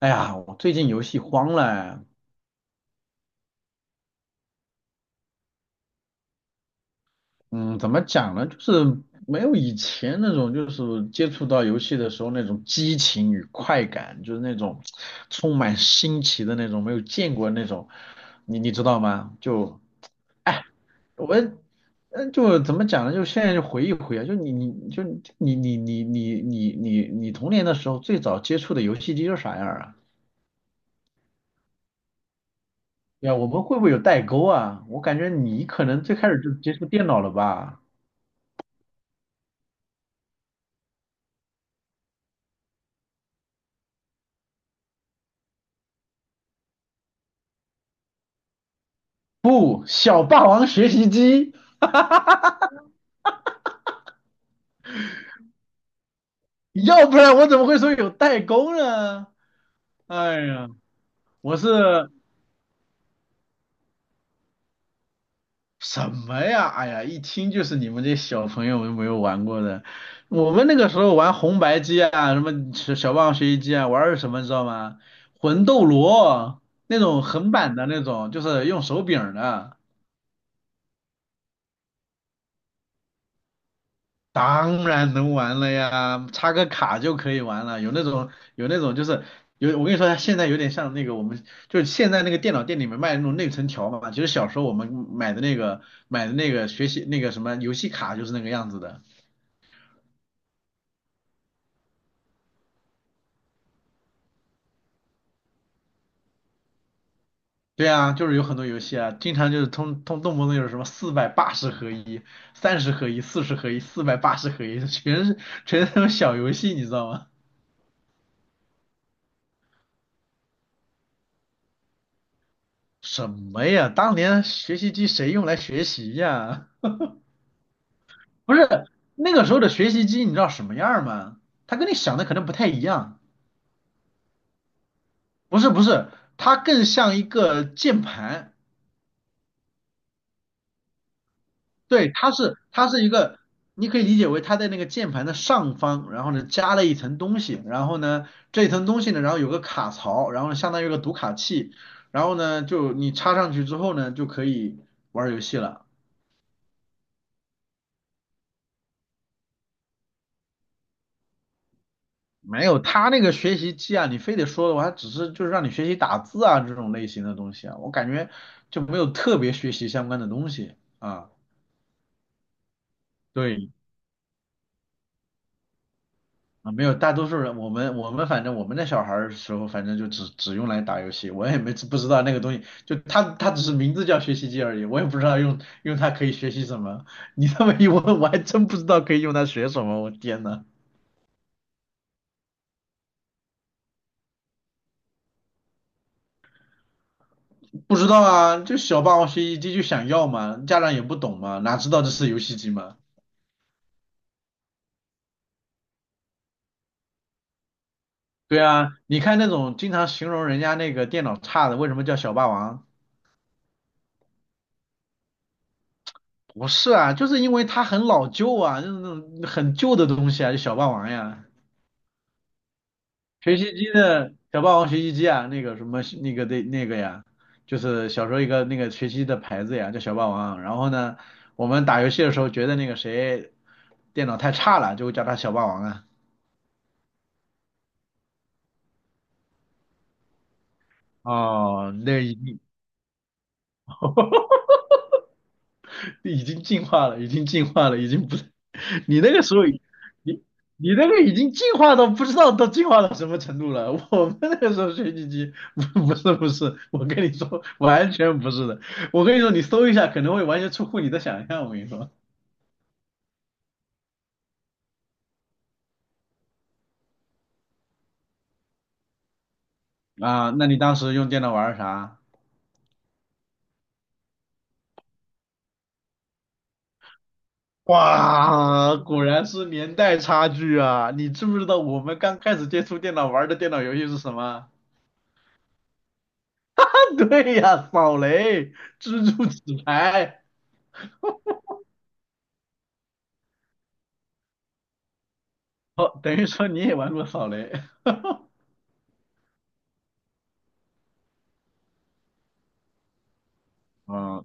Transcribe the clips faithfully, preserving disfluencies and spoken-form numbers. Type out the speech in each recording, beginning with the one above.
哎呀，我最近游戏荒了哎，嗯，怎么讲呢？就是没有以前那种，就是接触到游戏的时候那种激情与快感，就是那种充满新奇的那种，没有见过那种，你你知道吗？就，哎，我，嗯，就怎么讲呢？就现在就回忆回啊，就你你就你你你你你你你童年的时候最早接触的游戏机是啥样啊？对啊，我们会不会有代沟啊？我感觉你可能最开始就接触电脑了吧？不，小霸王学习机，要不然我怎么会说有代沟呢？哎呀，我是什么呀？哎呀，一听就是你们这些小朋友们没有玩过的。我们那个时候玩红白机啊，什么小小霸王学习机啊，玩的是什么你知道吗？魂斗罗那种横版的那种，就是用手柄的。当然能玩了呀，插个卡就可以玩了。有那种有那种就是有，我跟你说，现在有点像那个我们就是现在那个电脑店里面卖的那种内存条嘛。其实小时候我们买的那个买的那个学习那个什么游戏卡就是那个样子的。对啊，就是有很多游戏啊，经常就是通通动不动就是什么四百八十合一、三十合一、四十合一、四百八十合一，全是全是那种小游戏，你知道吗？什么呀？当年学习机谁用来学习呀？不是那个时候的学习机，你知道什么样儿吗？它跟你想的可能不太一样。不是不是，它更像一个键盘。对，它是它是一个，你可以理解为它在那个键盘的上方，然后呢加了一层东西，然后呢这一层东西呢，然后有个卡槽，然后呢相当于一个读卡器，然后呢就你插上去之后呢就可以玩儿游戏了。没有，他那个学习机啊，你非得说的话，他只是就是让你学习打字啊这种类型的东西啊，我感觉就没有特别学习相关的东西啊。对啊，没有，大多数人我们我们反正我们那小孩儿的时候，反正就只只用来打游戏，我也没不知道那个东西，就他他只是名字叫学习机而已，我也不知道用用它可以学习什么。你这么一问，我还真不知道可以用它学什么，我天呐，不知道啊，就小霸王学习机就想要嘛，家长也不懂嘛，哪知道这是游戏机嘛。对啊，你看那种经常形容人家那个电脑差的，为什么叫小霸王？不是啊，就是因为它很老旧啊，就是那种很旧的东西啊，就小霸王呀，学习机的小霸王学习机啊，那个什么那个的那个呀，就是小时候一个那个学习机的牌子呀，叫小霸王。然后呢，我们打游戏的时候觉得那个谁电脑太差了，就会叫他小霸王啊。哦，那已经 已经进化了，已经进化了，已经不。你那个时候已，你你那个已经进化到不知道都进化到什么程度了。我们那个时候学习机不 不是不是，我跟你说完全不是的。我跟你说，你搜一下可能会完全出乎你的想象。我跟你说啊，那你当时用电脑玩儿啥？哇，果然是年代差距啊！你知不知道我们刚开始接触电脑玩的电脑游戏是什么？啊，对呀，扫雷、蜘蛛纸牌。哦，等于说你也玩过扫雷。嗯，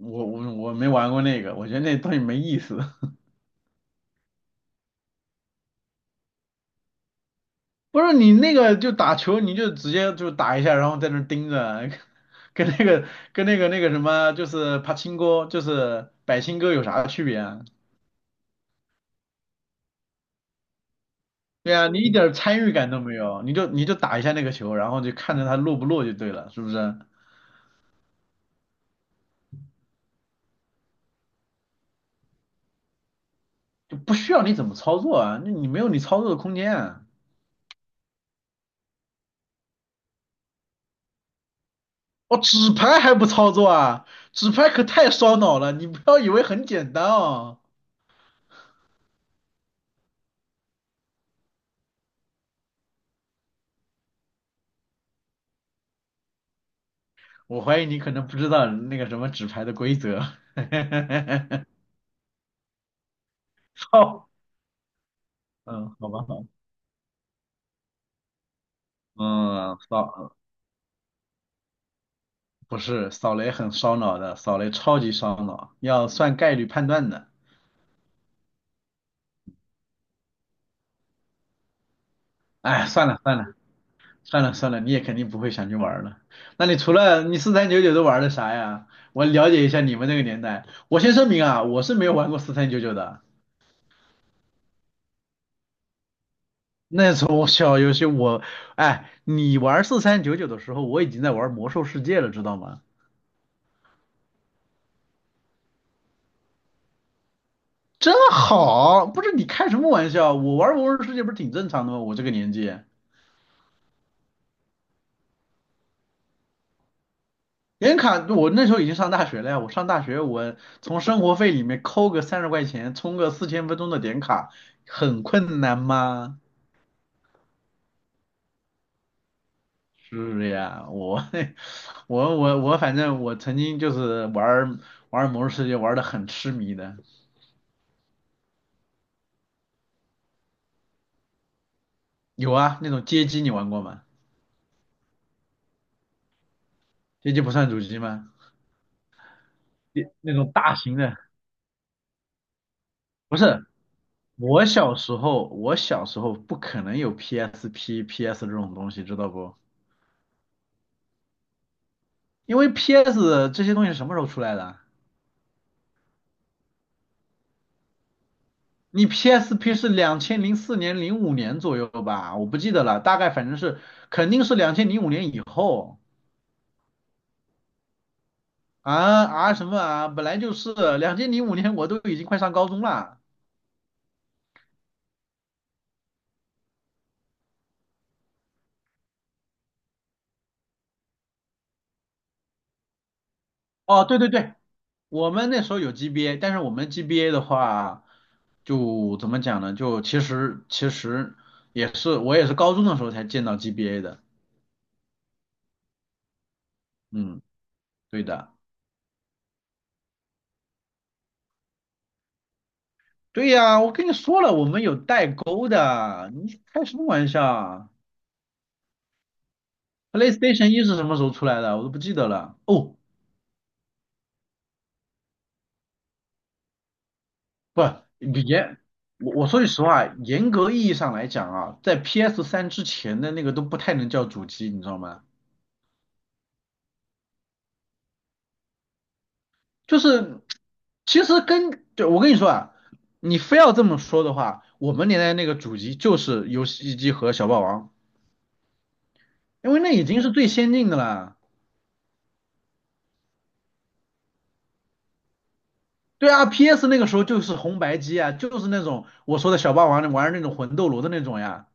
我我我没玩过那个，我觉得那东西没意思。不是你那个就打球，你就直接就打一下，然后在那儿盯着，跟那个跟那个那个什么，就是帕青哥，就是百青哥有啥区别啊？对啊，你一点参与感都没有，你就你就打一下那个球，然后就看着它落不落就对了，是不是？就不需要你怎么操作啊，那你没有你操作的空间啊。哦，纸牌还不操作啊？纸牌可太烧脑了，你不要以为很简单哦。我怀疑你可能不知道那个什么纸牌的规则。好，嗯，好吧，好，嗯，扫，不是，扫雷很烧脑的，扫雷超级烧脑，要算概率判断的。哎，算了算了算了算了，你也肯定不会想去玩了。那你除了你四三九九都玩的啥呀？我了解一下你们那个年代。我先声明啊，我是没有玩过四三九九的。那时候我小游戏我，哎，你玩四三九九的时候，我已经在玩魔兽世界了，知道吗？真好，不是你开什么玩笑？我玩魔兽世界不是挺正常的吗？我这个年纪，点卡，我那时候已经上大学了呀。我上大学，我从生活费里面扣个三十块钱，充个四千分钟的点卡，很困难吗？是呀，我 我我我反正我曾经就是玩儿玩儿魔兽世界玩的很痴迷的。有啊，那种街机你玩过吗？街机不算主机吗？那那种大型的，不是。我小时候，我小时候不可能有 P S P、P S 这种东西，知道不？因为 PS 这些东西什么时候出来的？你 P S P 是两千零四年、零五年左右吧？我不记得了，大概反正是肯定是两千零五年以后啊啊什么啊，本来就是两千零五年，我都已经快上高中了。哦，对对对，我们那时候有 G B A，但是我们 G B A 的话，就怎么讲呢？就其实其实也是我也是高中的时候才见到 G B A 的。嗯，对的，对呀，我跟你说了，我们有代沟的，你开什么玩笑啊？PlayStation 一是什么时候出来的？我都不记得了。哦，不，严，我我说句实话，严格意义上来讲啊，在 p s 三之前的那个都不太能叫主机，你知道吗？就是。其实跟，对，我跟你说啊，你非要这么说的话，我们年代那个主机就是游戏机和小霸王，因为那已经是最先进的了。对啊，P S 那个时候就是红白机啊，就是那种我说的小霸王玩的那种魂斗罗的那种呀。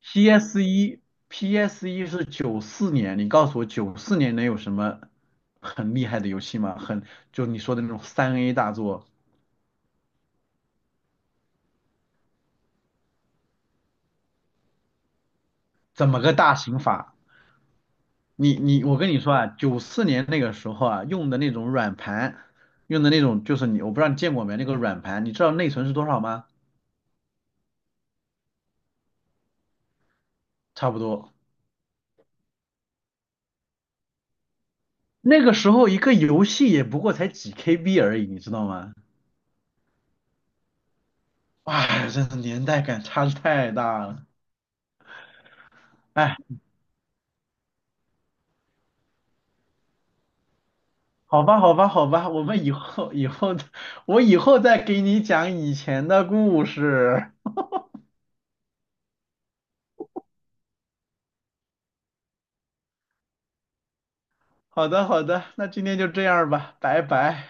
P S 一，P S 一是九四年，你告诉我九四年能有什么很厉害的游戏吗？很，就你说的那种三 A 大作，怎么个大刑法？你你，我跟你说啊，九四年那个时候啊，用的那种软盘，用的那种就是你，我不知道你见过没，那个软盘，你知道内存是多少吗？差不多，那个时候一个游戏也不过才几 K B 而已，你知道吗？哎，真的年代感差得太大了。哎，好吧，好吧，好吧，我们以后以后，我以后再给你讲以前的故事。好的，好的，那今天就这样吧，拜拜。